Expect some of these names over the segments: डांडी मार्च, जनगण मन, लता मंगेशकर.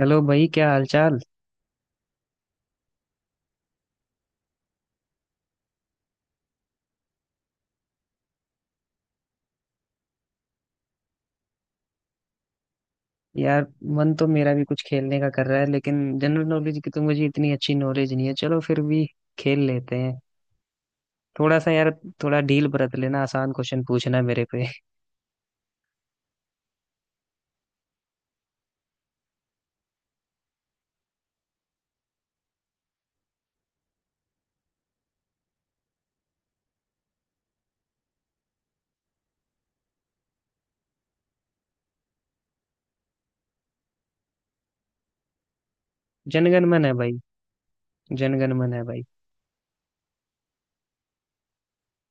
Hello भाई, क्या हालचाल। यार, मन तो मेरा भी कुछ खेलने का कर रहा है, लेकिन जनरल नॉलेज की तो मुझे इतनी अच्छी नॉलेज नहीं है। चलो फिर भी खेल लेते हैं। थोड़ा सा यार, थोड़ा ढील बरत लेना, आसान क्वेश्चन पूछना मेरे पे। जनगण मन है भाई। जनगण मन है भाई।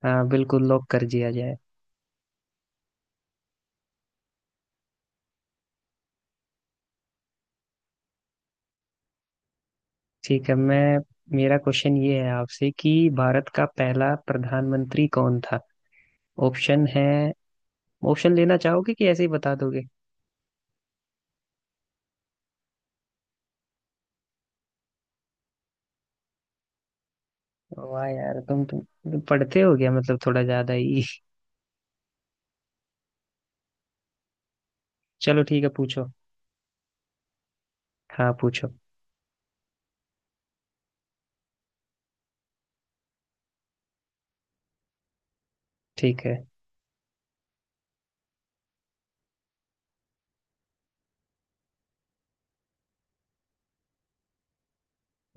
हाँ, बिल्कुल लॉक कर दिया जाए। ठीक है, मैं मेरा क्वेश्चन ये है आपसे कि भारत का पहला प्रधानमंत्री कौन था। ऑप्शन है, ऑप्शन लेना चाहोगे कि ऐसे ही बता दोगे। वाह यार, तुम पढ़ते हो गया, मतलब थोड़ा ज्यादा ही। चलो ठीक है, पूछो। हाँ पूछो। ठीक है,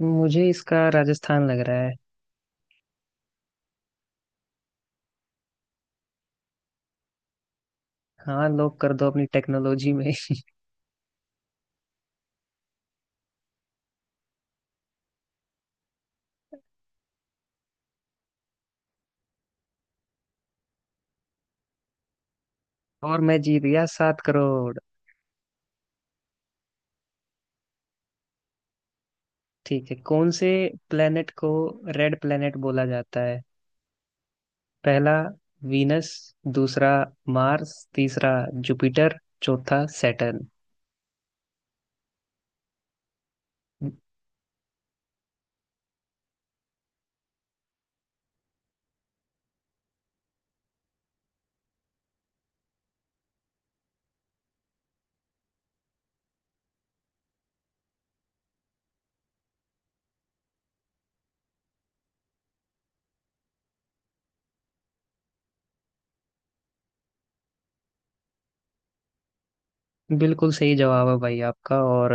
मुझे इसका राजस्थान लग रहा है। हाँ लोग कर दो अपनी टेक्नोलॉजी में। और मैं जीत गया 7 करोड़। ठीक है, कौन से प्लेनेट को रेड प्लेनेट बोला जाता है। पहला वीनस, दूसरा मार्स, तीसरा जुपिटर, चौथा सैटर्न। बिल्कुल सही जवाब है भाई आपका। और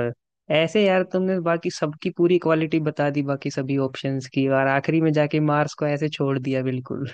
ऐसे यार, तुमने बाकी सबकी पूरी क्वालिटी बता दी बाकी सभी ऑप्शंस की, और आखिरी में जाके मार्स को ऐसे छोड़ दिया, बिल्कुल।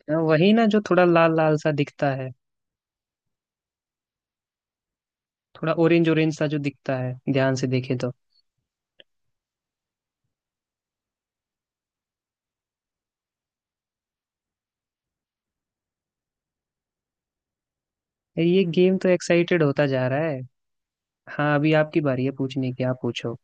वही ना, जो थोड़ा लाल लाल सा दिखता है, थोड़ा ऑरेंज ऑरेंज सा जो दिखता है, ध्यान से देखे तो। ये गेम तो एक्साइटेड होता जा रहा है। हाँ अभी आपकी बारी है पूछने की, आप पूछो।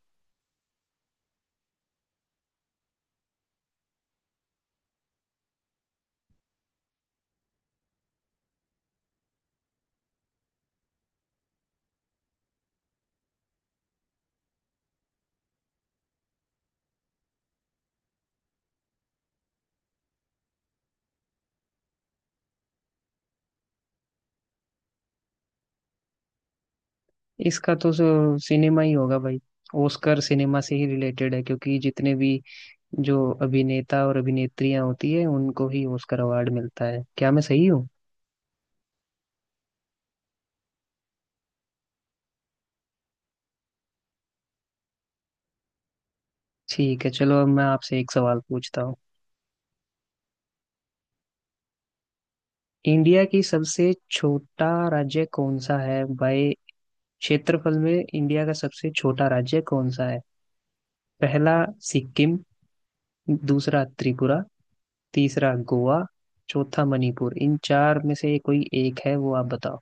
इसका तो सिनेमा ही होगा भाई। ओस्कर सिनेमा से ही रिलेटेड है, क्योंकि जितने भी जो अभिनेता और अभिनेत्रियां होती है उनको ही ओस्कर अवार्ड मिलता है। क्या मैं सही हूँ। ठीक है, चलो अब मैं आपसे एक सवाल पूछता हूँ। इंडिया की सबसे छोटा राज्य कौन सा है भाई, क्षेत्रफल में इंडिया का सबसे छोटा राज्य कौन सा है। पहला सिक्किम, दूसरा त्रिपुरा, तीसरा गोवा, चौथा मणिपुर। इन चार में से कोई एक है, वो आप बताओ।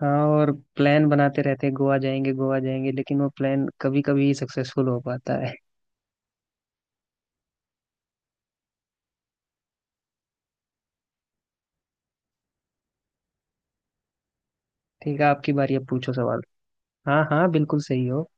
हाँ, और प्लान बनाते रहते हैं गोवा जाएंगे गोवा जाएंगे, लेकिन वो प्लान कभी कभी सक्सेसफुल हो पाता है। ठीक है, आपकी बारी, अब पूछो सवाल। हाँ हाँ, बिल्कुल सही हो।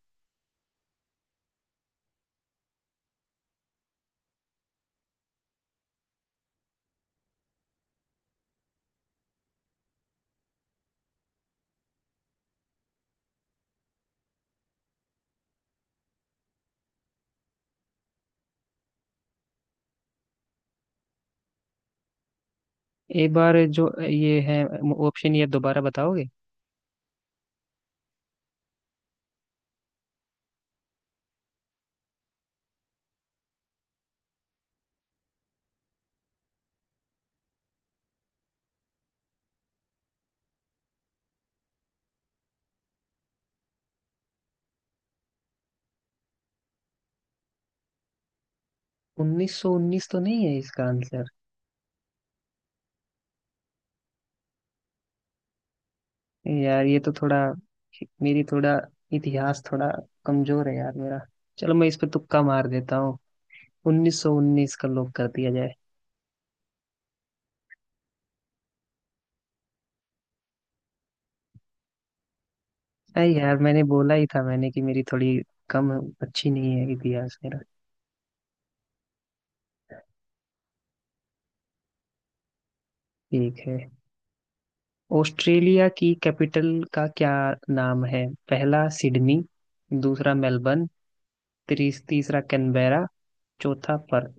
एक बार जो ये है, ऑप्शन ये दोबारा बताओगे। 1919 तो नहीं है इसका आंसर। यार ये तो थोड़ा, मेरी थोड़ा इतिहास थोड़ा कमजोर है यार मेरा। चलो मैं इस पे तुक्का मार देता हूँ, उन्नीस सौ उन्नीस का लॉक कर दिया जाए। अरे यार, मैंने बोला ही था मैंने कि मेरी थोड़ी कम अच्छी नहीं है इतिहास मेरा। ठीक है, ऑस्ट्रेलिया की कैपिटल का क्या नाम है। पहला सिडनी, दूसरा मेलबर्न, तीसरा कैनबेरा, चौथा पर्थ।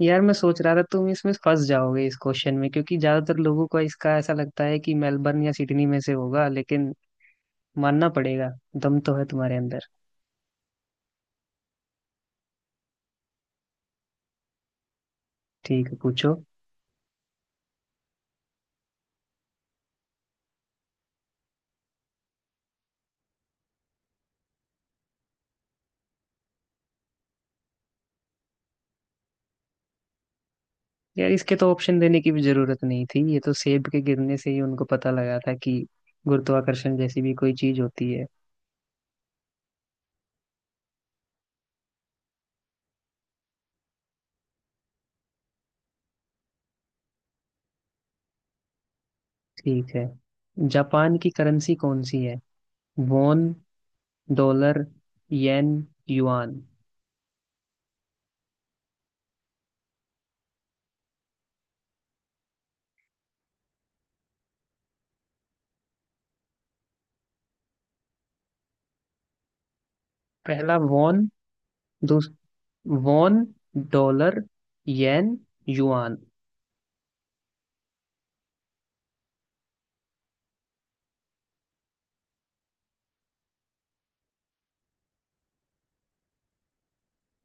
यार मैं सोच रहा था तुम इसमें फंस जाओगे इस क्वेश्चन में, क्योंकि ज्यादातर लोगों को इसका ऐसा लगता है कि मेलबर्न या सिडनी में से होगा, लेकिन मानना पड़ेगा, दम तो है तुम्हारे अंदर। ठीक है पूछो। यार इसके तो ऑप्शन देने की भी जरूरत नहीं थी, ये तो सेब के गिरने से ही उनको पता लगा था कि गुरुत्वाकर्षण जैसी भी कोई चीज होती है। ठीक है, जापान की करेंसी कौन सी है। Won, dollar, yen, yuan. पहला वॉन, दूस won, dollar, yen, yuan.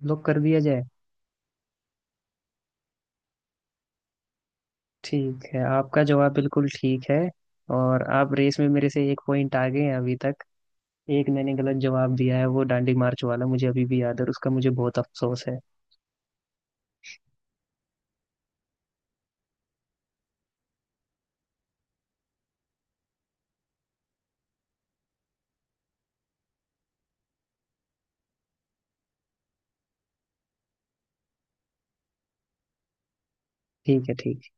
Lock कर दिया जाए। ठीक है, आपका जवाब बिल्कुल ठीक है, और आप रेस में मेरे से एक पॉइंट आगे हैं अभी तक। एक मैंने गलत जवाब दिया है वो डांडी मार्च वाला, मुझे अभी भी याद है और उसका मुझे बहुत अफसोस है। ठीक है, ठीक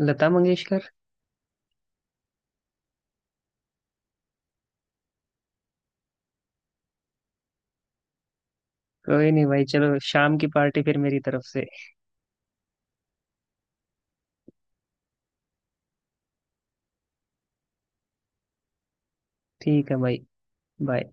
है। लता मंगेशकर। कोई नहीं भाई, चलो शाम की पार्टी फिर मेरी तरफ से। ठीक है भाई, बाय।